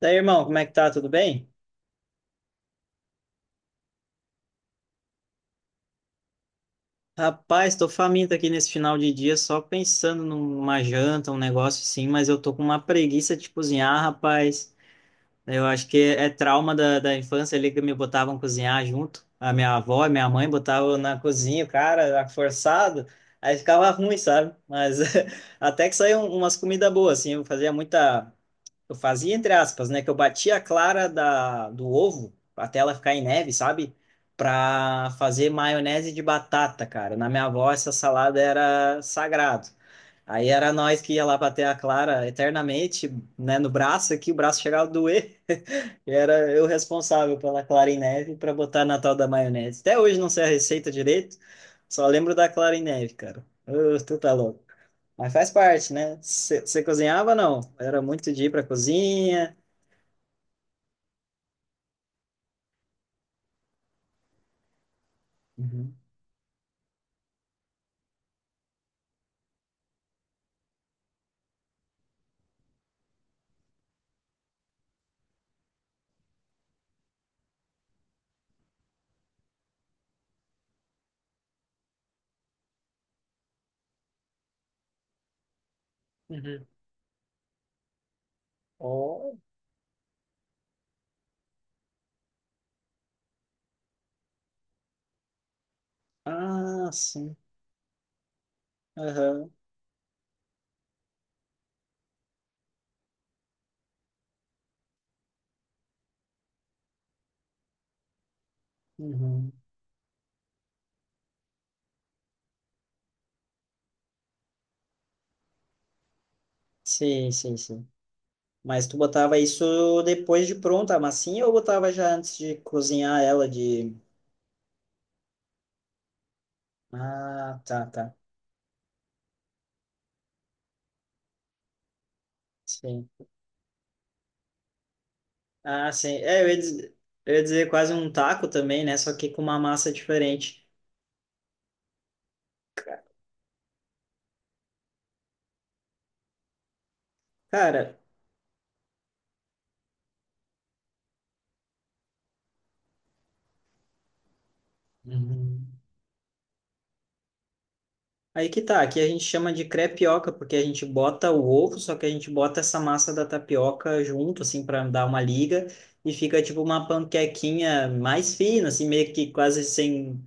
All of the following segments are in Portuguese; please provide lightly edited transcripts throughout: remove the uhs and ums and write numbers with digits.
Daí, irmão, como é que tá? Tudo bem? Rapaz, tô faminto aqui nesse final de dia, só pensando numa janta, um negócio assim, mas eu tô com uma preguiça de cozinhar, rapaz. Eu acho que é trauma da infância ali que me botavam cozinhar junto. A minha avó e minha mãe botavam na cozinha, cara, era forçado. Aí ficava ruim, sabe? Mas até que saiu umas comidas boas, assim. Eu fazia muita. Eu fazia entre aspas, né? Que eu batia a clara do ovo até ela ficar em neve, sabe? Pra fazer maionese de batata, cara. Na minha avó, essa salada era sagrado. Aí era nós que ia lá bater a clara eternamente, né? No braço aqui, o braço chegava a doer. E era eu responsável pela clara em neve pra botar na tal da maionese. Até hoje não sei a receita direito, só lembro da clara em neve, cara. Ô, tu tá louco. Mas faz parte, né? Você cozinhava, não? Era muito de ir pra cozinha. Uhum. Uhum. Oh. Ah, sim. Aham. Uhum. Sim, sim, sim. Mas tu botava isso depois de pronta a massinha ou botava já antes de cozinhar ela de... Ah, tá, tá. Sim. Ah, sim. É, eu ia dizer quase um taco também, né? Só que com uma massa diferente. Ca- Cara... Uhum. Aí que tá, aqui a gente chama de crepioca, porque a gente bota o ovo, só que a gente bota essa massa da tapioca junto, assim, para dar uma liga, e fica tipo uma panquequinha mais fina, assim, meio que quase sem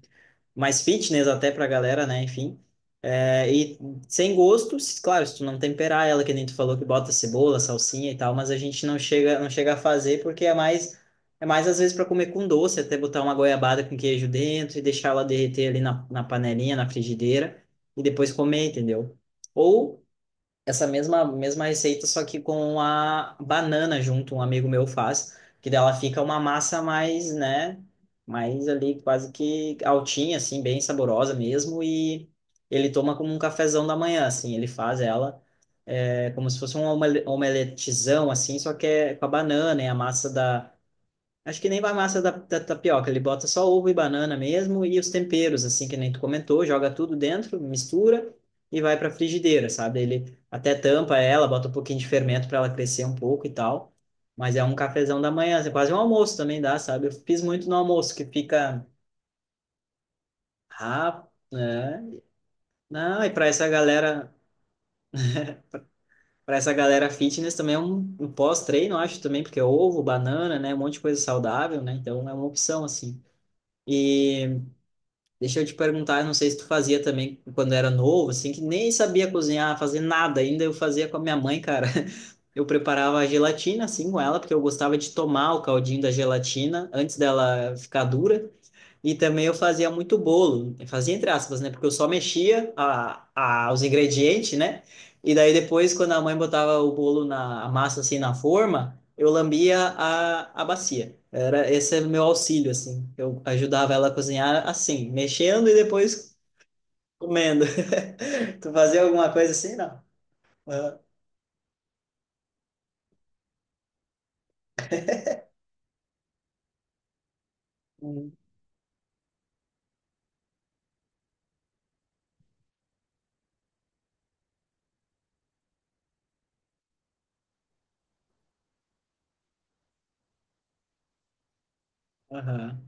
mais fitness até pra galera, né? Enfim. É, e sem gosto, se- claro, se tu não temperar ela, que nem tu falou que bota cebola, salsinha e tal, mas a gente não chega, não chega a fazer porque é mais às vezes para comer com doce, até botar uma goiabada com queijo dentro e deixar ela derreter ali na panelinha, na frigideira e depois comer, entendeu? Ou essa mesma receita, só que com a banana junto, um amigo meu faz, que dela fica uma massa mais, né, mais ali quase que altinha, assim, bem saborosa mesmo, e ele toma como um cafezão da manhã, assim, ele faz ela, é como se fosse um omeletezão, assim, só que é com a banana, é a massa da. Acho que nem vai massa da tapioca, ele bota só ovo e banana mesmo e os temperos, assim, que nem tu comentou, joga tudo dentro, mistura e vai para frigideira, sabe? Ele até tampa ela, bota um pouquinho de fermento para ela crescer um pouco e tal. Mas é um cafezão da manhã, assim, quase um almoço também dá, sabe? Eu fiz muito no almoço, que fica rápido, né? Não, e para essa galera fitness também é um pós-treino, acho também, porque é ovo, banana, né? Um monte de coisa saudável, né? Então é uma opção, assim. E deixa eu te perguntar, eu não sei se tu fazia também quando era novo, assim, que nem sabia cozinhar, fazer nada ainda, eu fazia com a minha mãe, cara. Eu preparava a gelatina, assim, com ela, porque eu gostava de tomar o caldinho da gelatina antes dela ficar dura. E também eu fazia muito bolo, eu fazia entre aspas, né? Porque eu só mexia os ingredientes, né? E daí depois, quando a mãe botava o bolo na a massa assim na forma, eu lambia a bacia. Era esse é meu auxílio assim. Eu ajudava ela a cozinhar assim, mexendo e depois comendo. Tu fazia alguma coisa assim, não? Ah, hum, aham.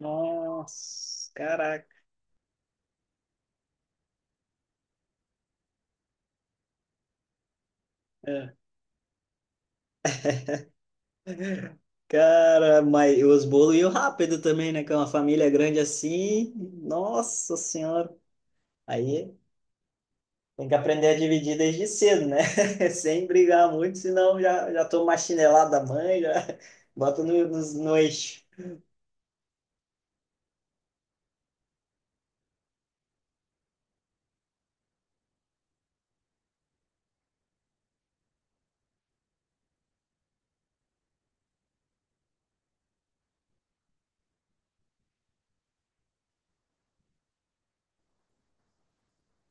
Nossa, caraca. Ah. Cara, mas os bolos iam rápido também, né? Com uma família grande assim, nossa senhora. Aí tem que aprender a dividir desde cedo, né? Sem brigar muito, senão já toma uma chinelada da mãe, já bota no eixo.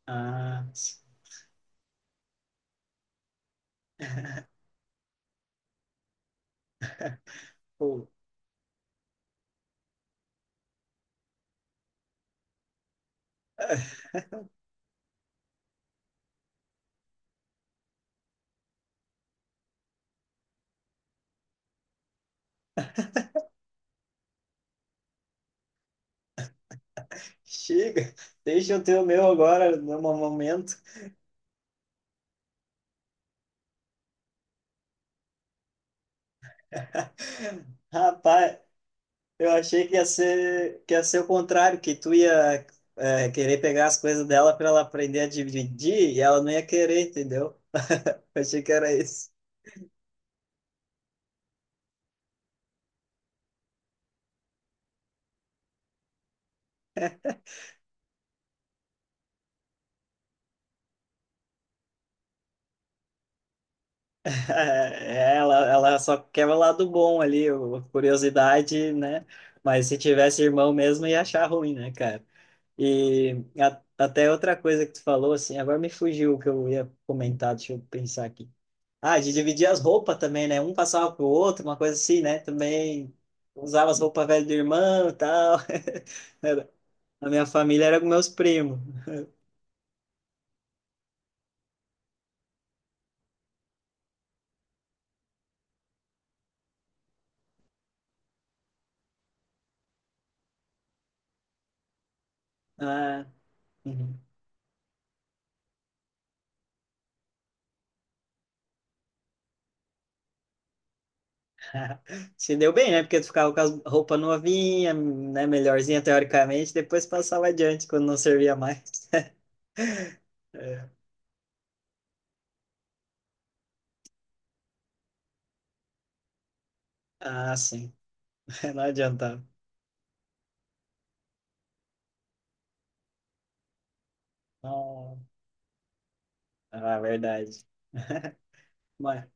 Ah, pô, chega, deixa eu ter o meu agora, no momento. Rapaz, eu achei que ia ser o contrário, que tu ia é, querer pegar as coisas dela para ela aprender a dividir e ela não ia querer, entendeu? Eu achei que era isso. É, ela só quer o lado bom ali, o- a curiosidade, né? Mas se tivesse irmão mesmo, ia achar ruim, né, cara? E a- até outra coisa que tu falou, assim, agora me fugiu o que eu ia comentar, deixa eu pensar aqui. Ah, de dividir as roupas também, né? Um passava pro outro, uma coisa assim, né? Também usava as roupas velhas do irmão e tal. Era- A minha família era com meus primos. Ah, uhum. Se deu bem, né? Porque tu ficava com a roupa novinha, né? Melhorzinha teoricamente, depois passava adiante quando não servia mais. É. Ah, sim. Não adiantava. Não. Ah, verdade. Mas,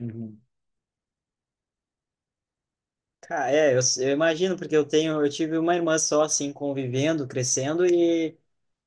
uhum. Cara, é, eu imagino, porque eu tenho, eu tive uma irmã só, assim, convivendo, crescendo, e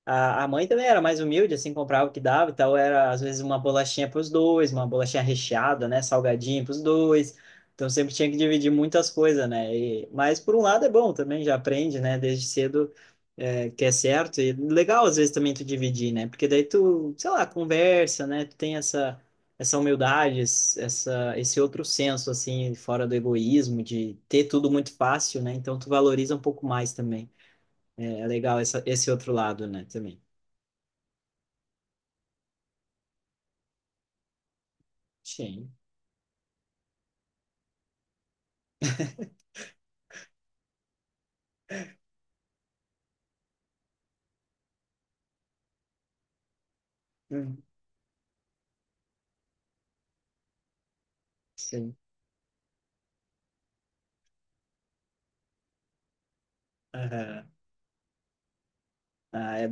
A mãe também era mais humilde, assim, comprava o que dava e tal. Era, às vezes, uma bolachinha para os dois, uma bolachinha recheada, né? Salgadinho para os dois. Então, sempre tinha que dividir muitas coisas, né? E, mas, por um lado, é bom também, já aprende, né? Desde cedo, é, que é certo. E legal, às vezes, também tu dividir, né? Porque daí tu, sei lá, conversa, né? Tu tem essa, essa humildade, es- esse outro senso, assim, fora do egoísmo, de ter tudo muito fácil, né? Então, tu valoriza um pouco mais também. É, é legal essa, esse outro lado, né? Também. Sim, hum, sim. Aham. Ah, é,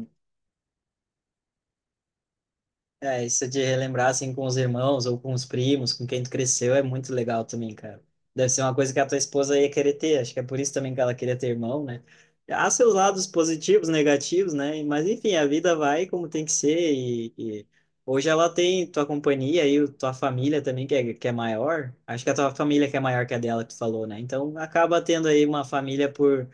é, isso de relembrar assim com os irmãos ou com os primos, com quem tu cresceu, é muito legal também, cara. Deve ser uma coisa que a tua esposa ia querer ter, acho que é por isso também que ela queria ter irmão, né? Há seus lados positivos, negativos, né? Mas enfim, a vida vai como tem que ser e hoje ela tem tua companhia e o- tua família também, que é maior. Acho que a tua família que é maior que a dela, que tu falou, né? Então acaba tendo aí uma família por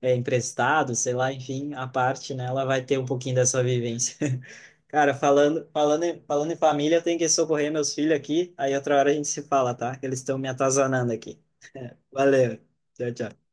é, emprestado, sei lá, enfim, a parte, né, ela vai ter um pouquinho dessa vivência. Cara, falando em família, eu tenho que socorrer meus filhos aqui, aí outra hora a gente se fala, tá? Que eles estão me atazanando aqui. Valeu. Tchau, tchau.